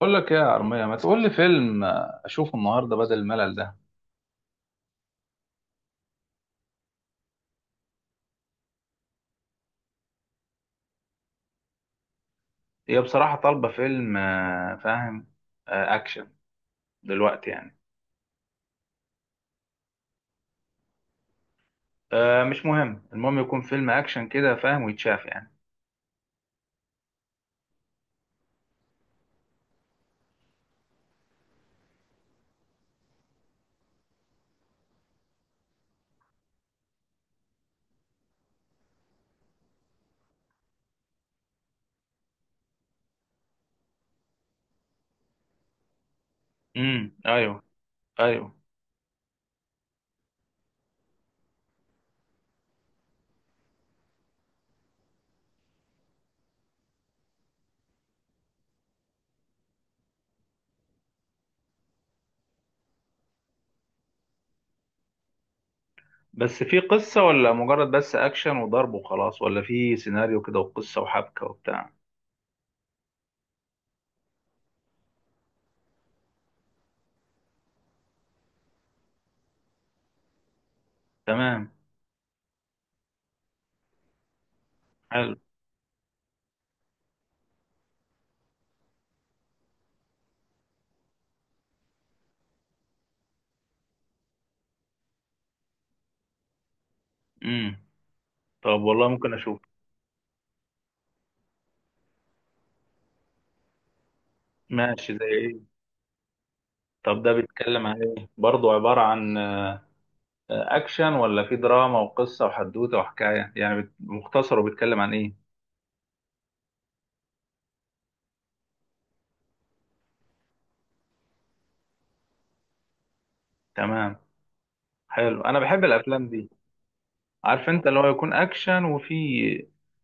بقول لك ايه يا عرمية، ما تقول لي فيلم، اشوفه النهارده بدل الملل ده. هي بصراحة طالبة فيلم، فاهم. آه، اكشن. دلوقتي يعني. آه، مش مهم، المهم يكون فيلم اكشن كده فاهم، ويتشاف يعني. ايوه. ايوه، بس في قصة ولا مجرد بس اكشن وضرب وخلاص، ولا في سيناريو كده وقصة وحبكة وبتاع؟ تمام. حلو. امم. طب والله ممكن اشوف. ماشي، زي ايه؟ طب ده بيتكلم عن ايه برضه؟ عبارة عن اكشن، ولا في دراما وقصه وحدوته وحكايه، يعني مختصر، وبيتكلم عن ايه؟ تمام. حلو، انا بحب الافلام دي، عارف انت؟ اللي هو يكون اكشن، وفي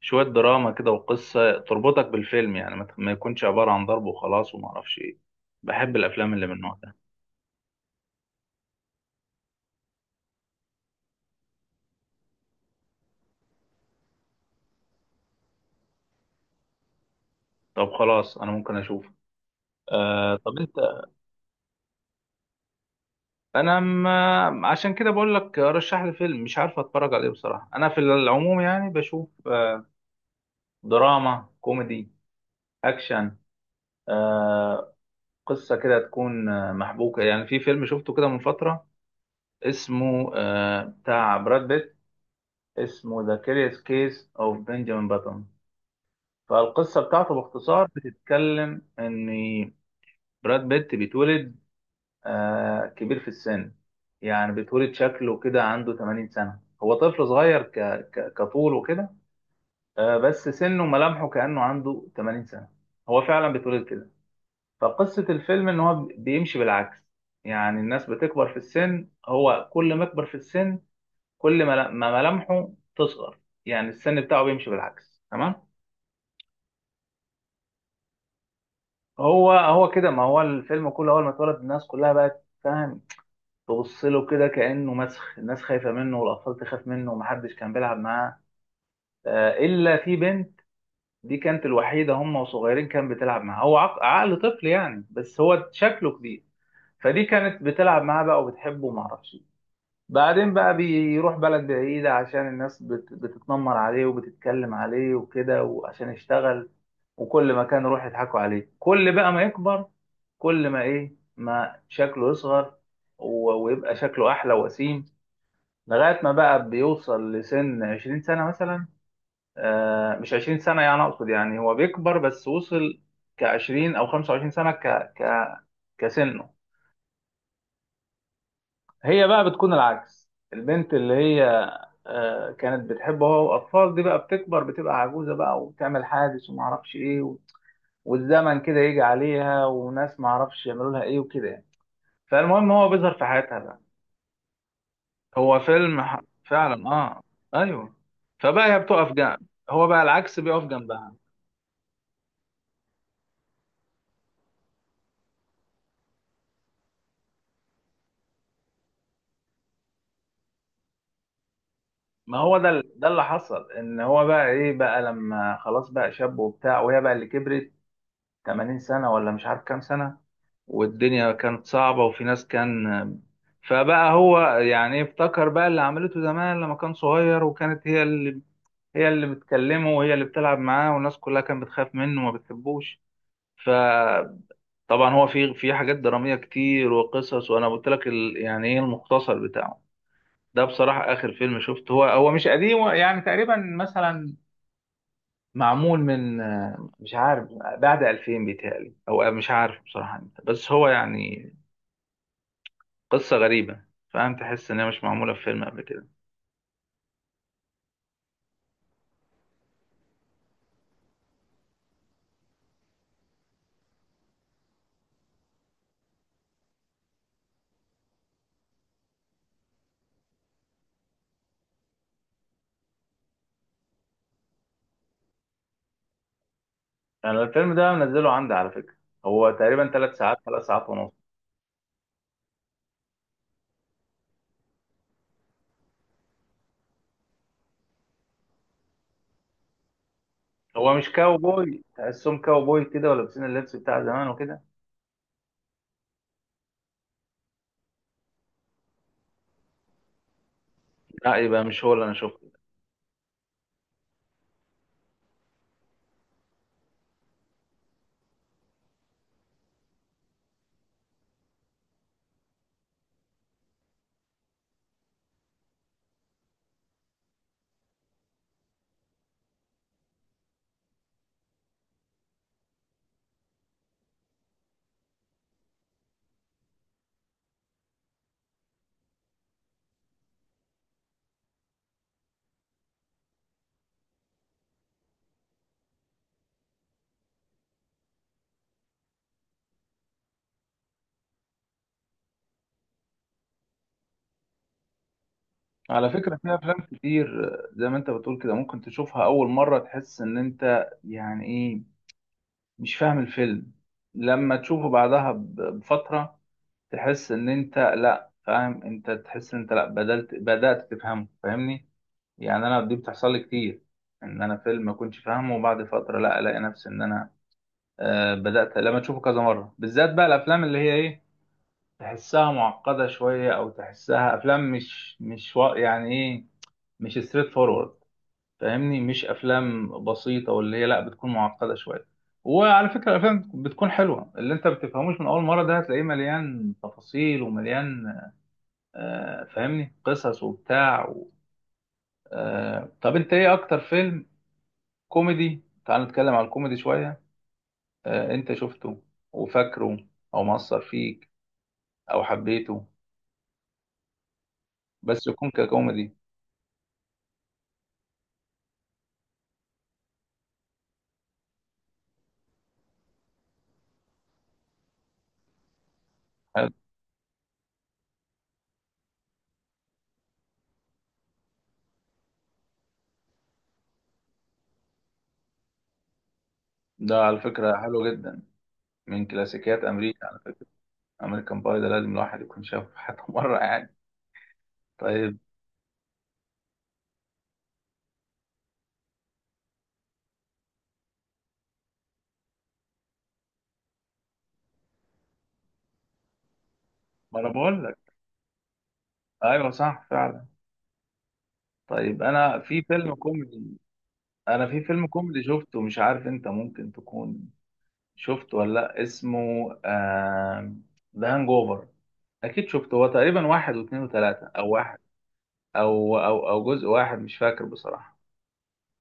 شويه دراما كده وقصه تربطك بالفيلم، يعني ما يكونش عباره عن ضرب وخلاص وما اعرفش ايه. بحب الافلام اللي من النوع ده. طب خلاص، انا ممكن اشوف. آه، طب انت. انا ما عشان كده بقول لك رشح لي فيلم، مش عارف اتفرج عليه بصراحه. انا في العموم يعني بشوف دراما كوميدي، اكشن، آه، قصة كده تكون محبوكة. يعني في فيلم شفته كده من فترة، اسمه بتاع براد بيت. اسمه ذا كيريوس كيس اوف بنجامين باتون. فالقصة بتاعته باختصار بتتكلم ان براد بيت بيتولد كبير في السن. يعني بيتولد شكله كده عنده 80 سنة، هو طفل صغير كطول وكده، بس سنه وملامحه كأنه عنده 80 سنة. هو فعلا بيتولد كده. فقصة الفيلم إن هو بيمشي بالعكس. يعني الناس بتكبر في السن، هو كل ما يكبر في السن، كل ما ملامحه تصغر. يعني السن بتاعه بيمشي بالعكس. تمام. هو كده، ما هو الفيلم كله أول ما اتولد الناس كلها بقت فاهم. تبص له كده كأنه مسخ، الناس خايفة منه والأطفال تخاف منه، ومحدش كان بيلعب معاه إلا في بنت. دي كانت الوحيدة، هم وصغيرين كان بتلعب معاها، هو عقل طفل يعني، بس هو شكله كبير. فدي كانت بتلعب معاه بقى وبتحبه ومعرفش. بعدين بقى بيروح بلد بعيدة، عشان الناس بتتنمر عليه وبتتكلم عليه وكده، وعشان يشتغل. وكل ما كان يروح يضحكوا عليه، كل بقى ما يكبر كل ما ايه ما شكله يصغر ويبقى شكله أحلى وسيم. لغاية ما بقى بيوصل لسن 20 سنة مثلا. مش 20 سنة يعني، أقصد يعني هو بيكبر بس وصل كعشرين أو 25 سنة ك... كسنه. هي بقى بتكون العكس، البنت اللي هي كانت بتحبه هو واطفال، دي بقى بتكبر بتبقى عجوزه بقى وبتعمل حادث وما اعرفش ايه والزمن كده يجي عليها، وناس ما اعرفش يعملوا لها ايه وكده يعني. فالمهم هو بيظهر في حياتها بقى. هو فيلم فعلا اه. ايوه. فبقى هي بتقف جنب، هو بقى العكس بيقف جنبها. ما هو ده اللي حصل، ان هو بقى ايه بقى لما خلاص بقى شاب وبتاع، وهي بقى اللي كبرت 80 سنه ولا مش عارف كام سنه، والدنيا كانت صعبة وفي ناس كان. فبقى هو يعني افتكر بقى اللي عملته زمان لما كان صغير، وكانت هي اللي بتكلمه، وهي اللي بتلعب معاه، والناس كلها كانت بتخاف منه وما بتحبوش. فطبعا هو في حاجات درامية كتير وقصص، وانا قلت لك يعني ايه المختصر بتاعه. ده بصراحة آخر فيلم شفته، هو مش قديم، هو يعني تقريبا مثلا معمول من، مش عارف، بعد 2000 بيتهيألي، أو مش عارف بصراحة إمتى. بس هو يعني قصة غريبة، فاهم؟ تحس إن هي مش معمولة في فيلم قبل كده. أنا الفيلم ده منزله عندي على فكرة. هو تقريبا تلات ساعات، ثلاث ساعات ونص. هو مش كاوبوي، تحسهم كاوبوي كده ولابسين اللبس بتاع زمان وكده. لا، يبقى مش هو اللي أنا شفته. على فكرة في أفلام كتير زي ما أنت بتقول كده، ممكن تشوفها أول مرة تحس إن أنت يعني إيه، مش فاهم الفيلم، لما تشوفه بعدها بفترة تحس ان انت لا فاهم، انت تحس ان انت لا بدأت تفهمه، فاهمني؟ يعني انا دي بتحصل لي كتير، ان انا فيلم ما كنتش فاهمه وبعد فترة لا الاقي نفسي ان انا بدأت. لما تشوفه كذا مرة بالذات بقى الافلام اللي هي ايه، تحسها معقدة شوية، او تحسها افلام مش يعني ايه، مش ستريت فورورد، فاهمني؟ مش افلام بسيطة، واللي هي لا بتكون معقدة شوية. وعلى فكرة الأفلام بتكون حلوة اللي أنت بتفهموش من أول مرة، ده هتلاقيه مليان تفاصيل ومليان، فاهمني، قصص وبتاع و... آه، طب انت ايه اكتر فيلم كوميدي؟ تعال نتكلم على الكوميدي شوية. انت شفته وفاكره، او مأثر فيك، او حبيته، بس يكون ككوميدي. حلو. ده على فكرة حلو جدا، من كلاسيكيات امريكا على فكرة. امريكان باي ده لازم الواحد يكون شافه حتى مرة يعني. طيب. ما انا بقول لك. ايوه، صح فعلا. طيب. انا في فيلم كوميدي شفته، مش عارف انت ممكن تكون شفت ولا لأ؟ اسمه ذا هانج اوفر. اكيد شفته، هو تقريبا واحد واثنين وثلاثة، او واحد او جزء واحد مش فاكر بصراحة.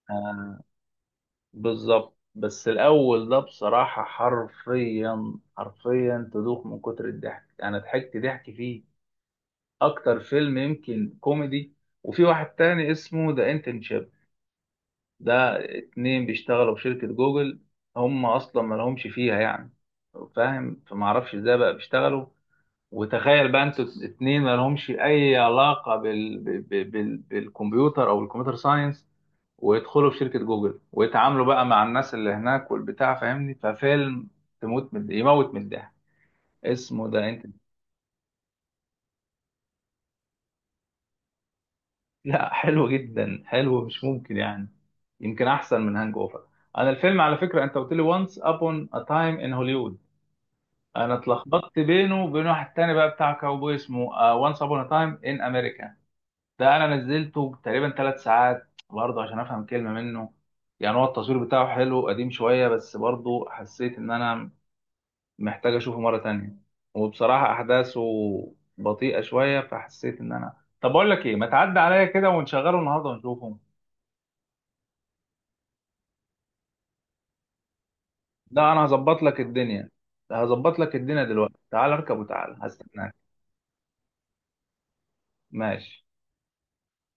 آه، بالظبط. بس الاول ده بصراحة حرفيا حرفيا تدوخ من كتر الضحك. انا ضحكت ضحك فيه اكتر فيلم يمكن كوميدي. وفي واحد تاني اسمه ذا انترنشيب. ده اتنين بيشتغلوا في شركة جوجل، هم اصلا ما لهمش فيها يعني، فاهم؟ فما اعرفش ازاي بقى بيشتغلوا. وتخيل بقى انتوا اتنين ما لهمش اي علاقه بالكمبيوتر، او الكمبيوتر ساينس، ويدخلوا في شركه جوجل، ويتعاملوا بقى مع الناس اللي هناك والبتاع، فاهمني؟ ففيلم تموت من يموت من الضحك، اسمه ده انت. لا، حلو جدا، حلو مش ممكن يعني، يمكن احسن من هانج اوفر. انا الفيلم على فكره انت قلت لي وانس ابون ا تايم ان هوليوود، انا اتلخبطت بينه وبين واحد تاني بقى بتاع كاوبوي اسمه وانس ابون ا تايم ان امريكا. ده انا نزلته تقريبا ثلاث ساعات برضه عشان افهم كلمه منه. يعني هو التصوير بتاعه حلو، قديم شويه، بس برضه حسيت ان انا محتاج اشوفه مره تانية. وبصراحه احداثه بطيئه شويه، فحسيت ان انا، طب اقول لك ايه، ما تعدي عليا كده ونشغله النهارده ونشوفه. لا انا هظبط لك الدنيا، هظبط لك الدنيا دلوقتي، تعال اركب وتعال هستناك. ماشي.